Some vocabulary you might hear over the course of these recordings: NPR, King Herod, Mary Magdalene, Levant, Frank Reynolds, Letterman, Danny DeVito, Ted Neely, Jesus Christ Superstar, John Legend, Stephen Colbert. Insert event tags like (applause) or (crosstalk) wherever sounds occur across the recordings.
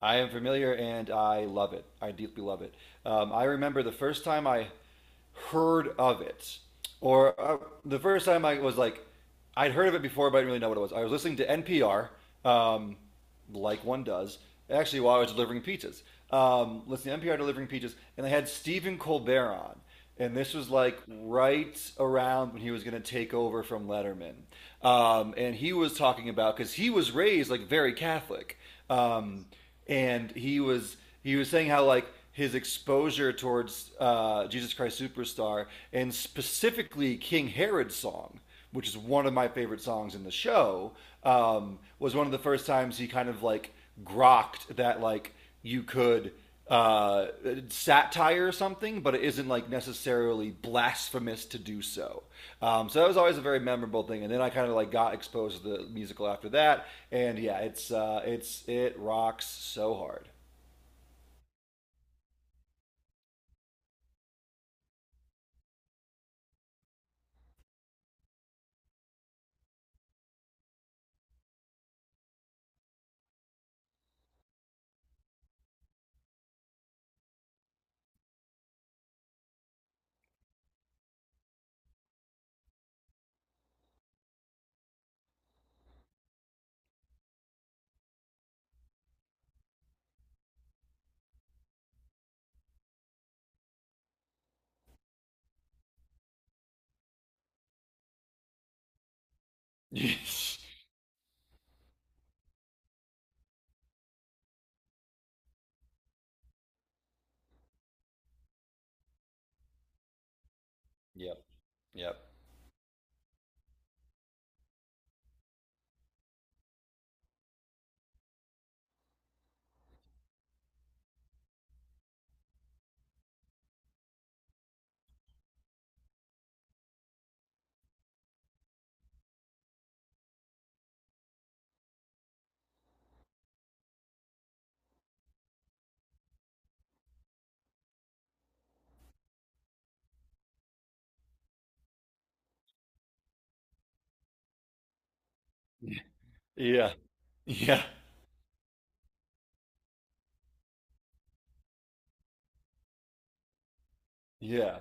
I am familiar and I love it. I deeply love it. I remember the first time I heard of it, or the first time I was like, I'd heard of it before, but I didn't really know what it was. I was listening to NPR, um, like one does, actually, while I was delivering pizzas. Listening to NPR delivering pizzas, and they had Stephen Colbert on and this was like right around when he was going to take over from Letterman. And he was talking about because he was raised like very Catholic, um, and he was saying how like his exposure towards Jesus Christ Superstar and specifically King Herod's song, which is one of my favorite songs in the show, was one of the first times he kind of like grokked that like you could uh, satire or something, but it isn't like necessarily blasphemous to do so. So that was always a very memorable thing. And then I kind of like got exposed to the musical after that, and yeah, it's it rocks so hard. (laughs) Yep, yep, yeah, yeah, yeah,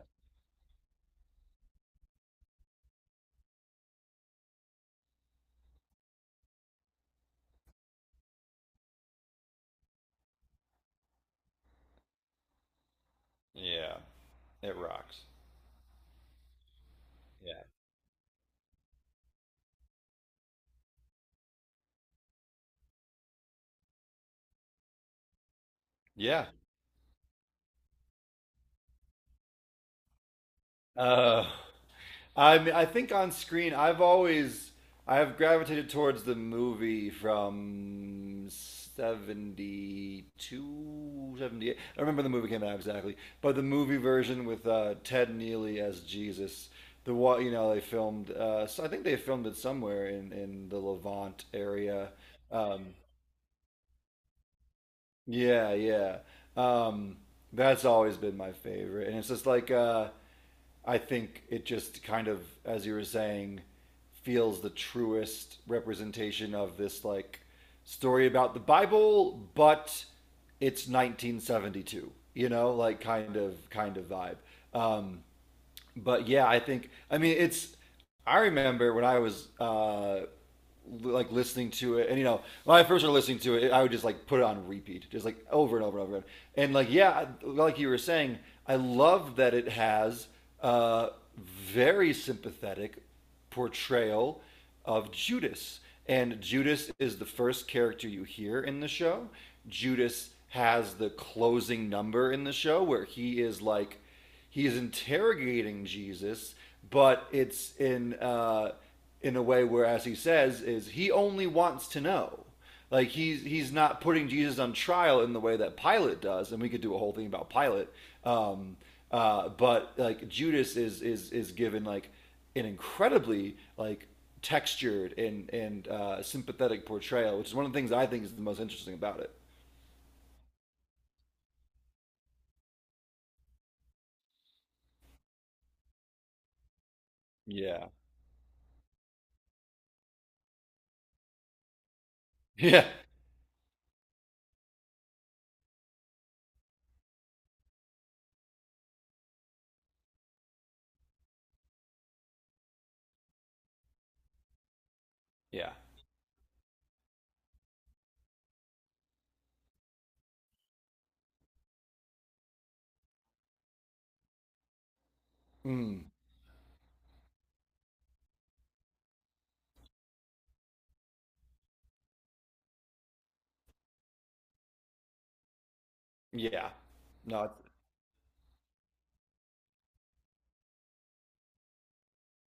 yeah. It rocks. Yeah, yeah. Uh, I mean, I think on screen, I have gravitated towards the movie from 72, 78. I remember the movie came out exactly, but the movie version with Ted Neely as Jesus. The what you know they filmed. So I think they filmed it somewhere in the Levant area. Um, yeah, yeah. Um, that's always been my favorite. And it's just like I think it just kind of, as you were saying, feels the truest representation of this like story about the Bible, but it's 1972, you know, like kind of vibe. Um, but yeah, I think I mean it's. I remember when I was like listening to it, and you know, when I first started listening to it, I would just like put it on repeat, just like over and over and over again. And like, yeah, like you were saying, I love that it has a very sympathetic portrayal of Judas, and Judas is the first character you hear in the show. Judas has the closing number in the show where he is like he's interrogating Jesus, but it's in a way where, as he says, is he only wants to know. Like he's not putting Jesus on trial in the way that Pilate does, and we could do a whole thing about Pilate. Um, but like Judas is given like an incredibly like textured and sympathetic portrayal, which is one of the things I think is the most interesting about it. Yeah. (laughs) Yeah. Yeah. Mm, yeah. No,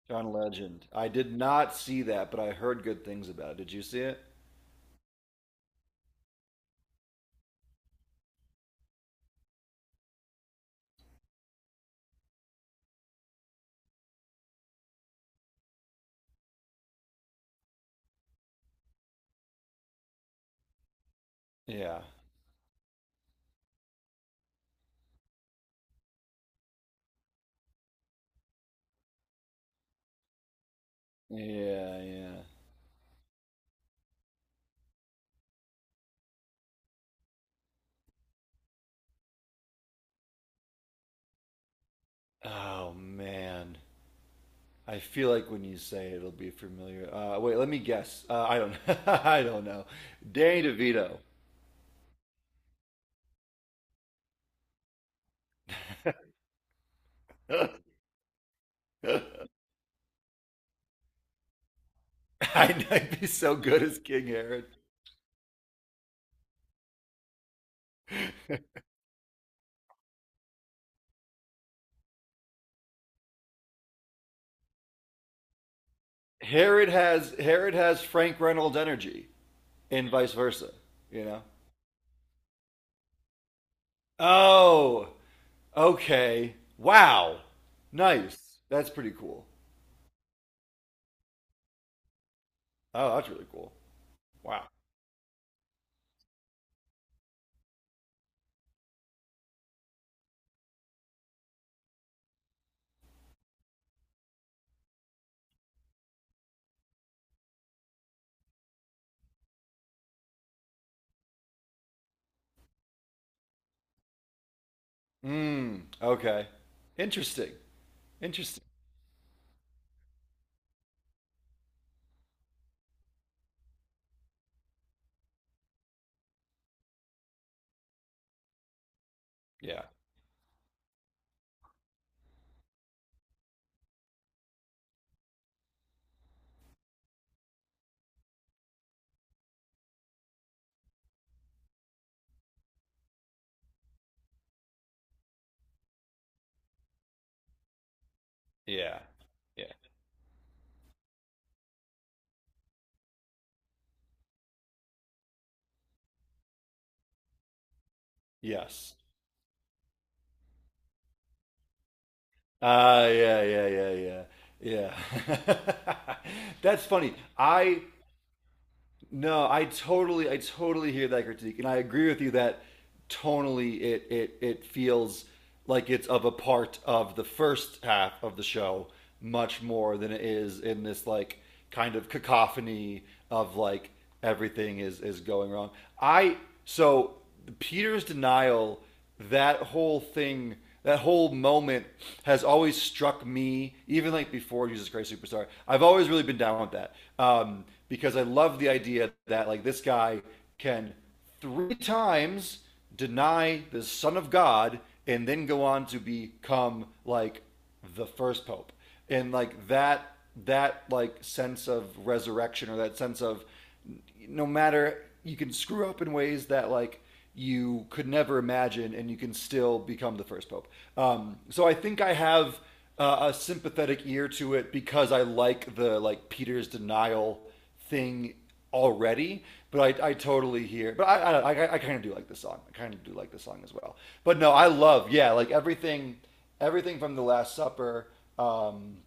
John Legend. I did not see that, but I heard good things about it. Did you see it? Yeah. Yeah, yeah. Oh man. I feel like when you say it, it'll be familiar. Wait, let me guess. I don't. (laughs) I don't know. Danny DeVito. (laughs) I- I'd be so good as King Herod. Herod has Frank Reynolds energy, and vice versa. You know. Oh, okay. Wow. Nice. That's pretty cool. Oh, that's really cool. Wow. Mm, okay. Interesting. Interesting. Yeah. Yeah. Yeah. Yes. Ah, yeah, yeah, yeah, yeah. Yeah. (laughs) That's funny. I No, I totally hear that critique, and I agree with you that tonally it feels like it's of a part of the first half of the show much more than it is in this like kind of cacophony of like everything is going wrong. I so Peter's denial that whole thing, that whole moment has always struck me, even like before Jesus Christ Superstar. I've always really been down with that because I love the idea that like this guy can three times deny the Son of God and then go on to become like the first pope and like that that like sense of resurrection or that sense of no matter you can screw up in ways that like you could never imagine, and you can still become the first pope. So I think I have a sympathetic ear to it because I like the like Peter's denial thing already. But I totally hear. But I kind of do like this song. I kind of do like this song as well. But no, I love yeah, like everything, everything from the Last Supper. Um,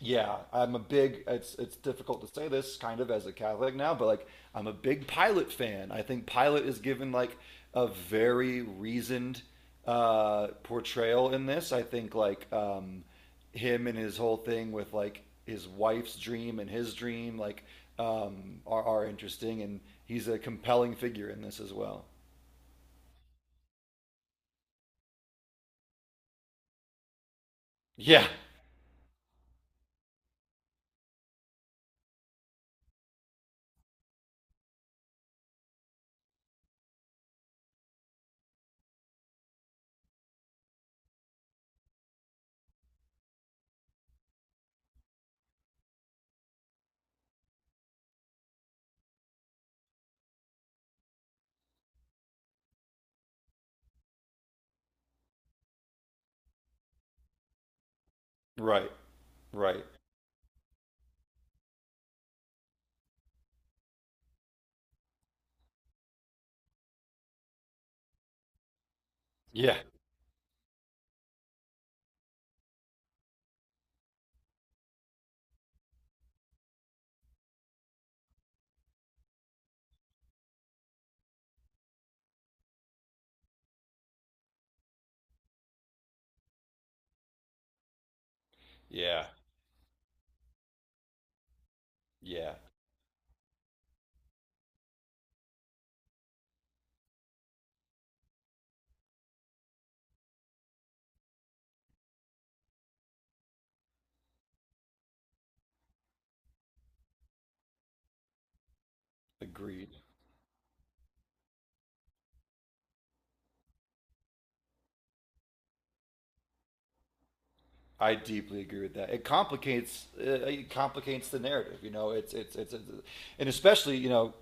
yeah, I'm a big. It's difficult to say this kind of as a Catholic now, but like I'm a big Pilate fan. I think Pilate is given like a very reasoned portrayal in this. I think like him and his whole thing with like his wife's dream and his dream like are interesting, and he's a compelling figure in this as well. Yeah. Right. Right. Yeah. Yeah. Yeah. Agreed. I deeply agree with that. It complicates the narrative. You know, it's and especially you know,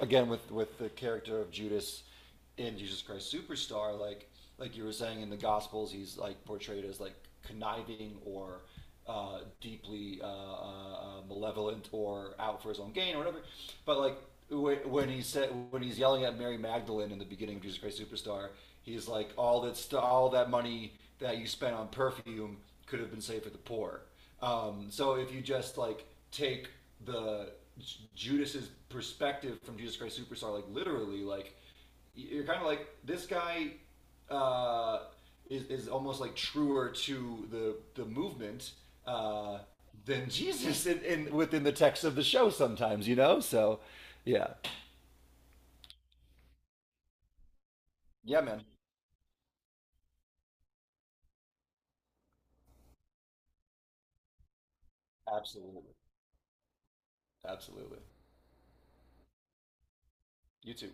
again with the character of Judas in Jesus Christ Superstar, like you were saying in the Gospels, he's like portrayed as like conniving or deeply malevolent or out for his own gain or whatever. But like when he's yelling at Mary Magdalene in the beginning of Jesus Christ Superstar, he's like, all that money that you spent on perfume could have been saved for the poor. So if you just like take the Judas's perspective from Jesus Christ Superstar, like literally, like you're kind of like this guy uh, is almost like truer to the movement uh, than Jesus in within the text of the show sometimes, you know. So, yeah, yeah, man, absolutely, absolutely. You too.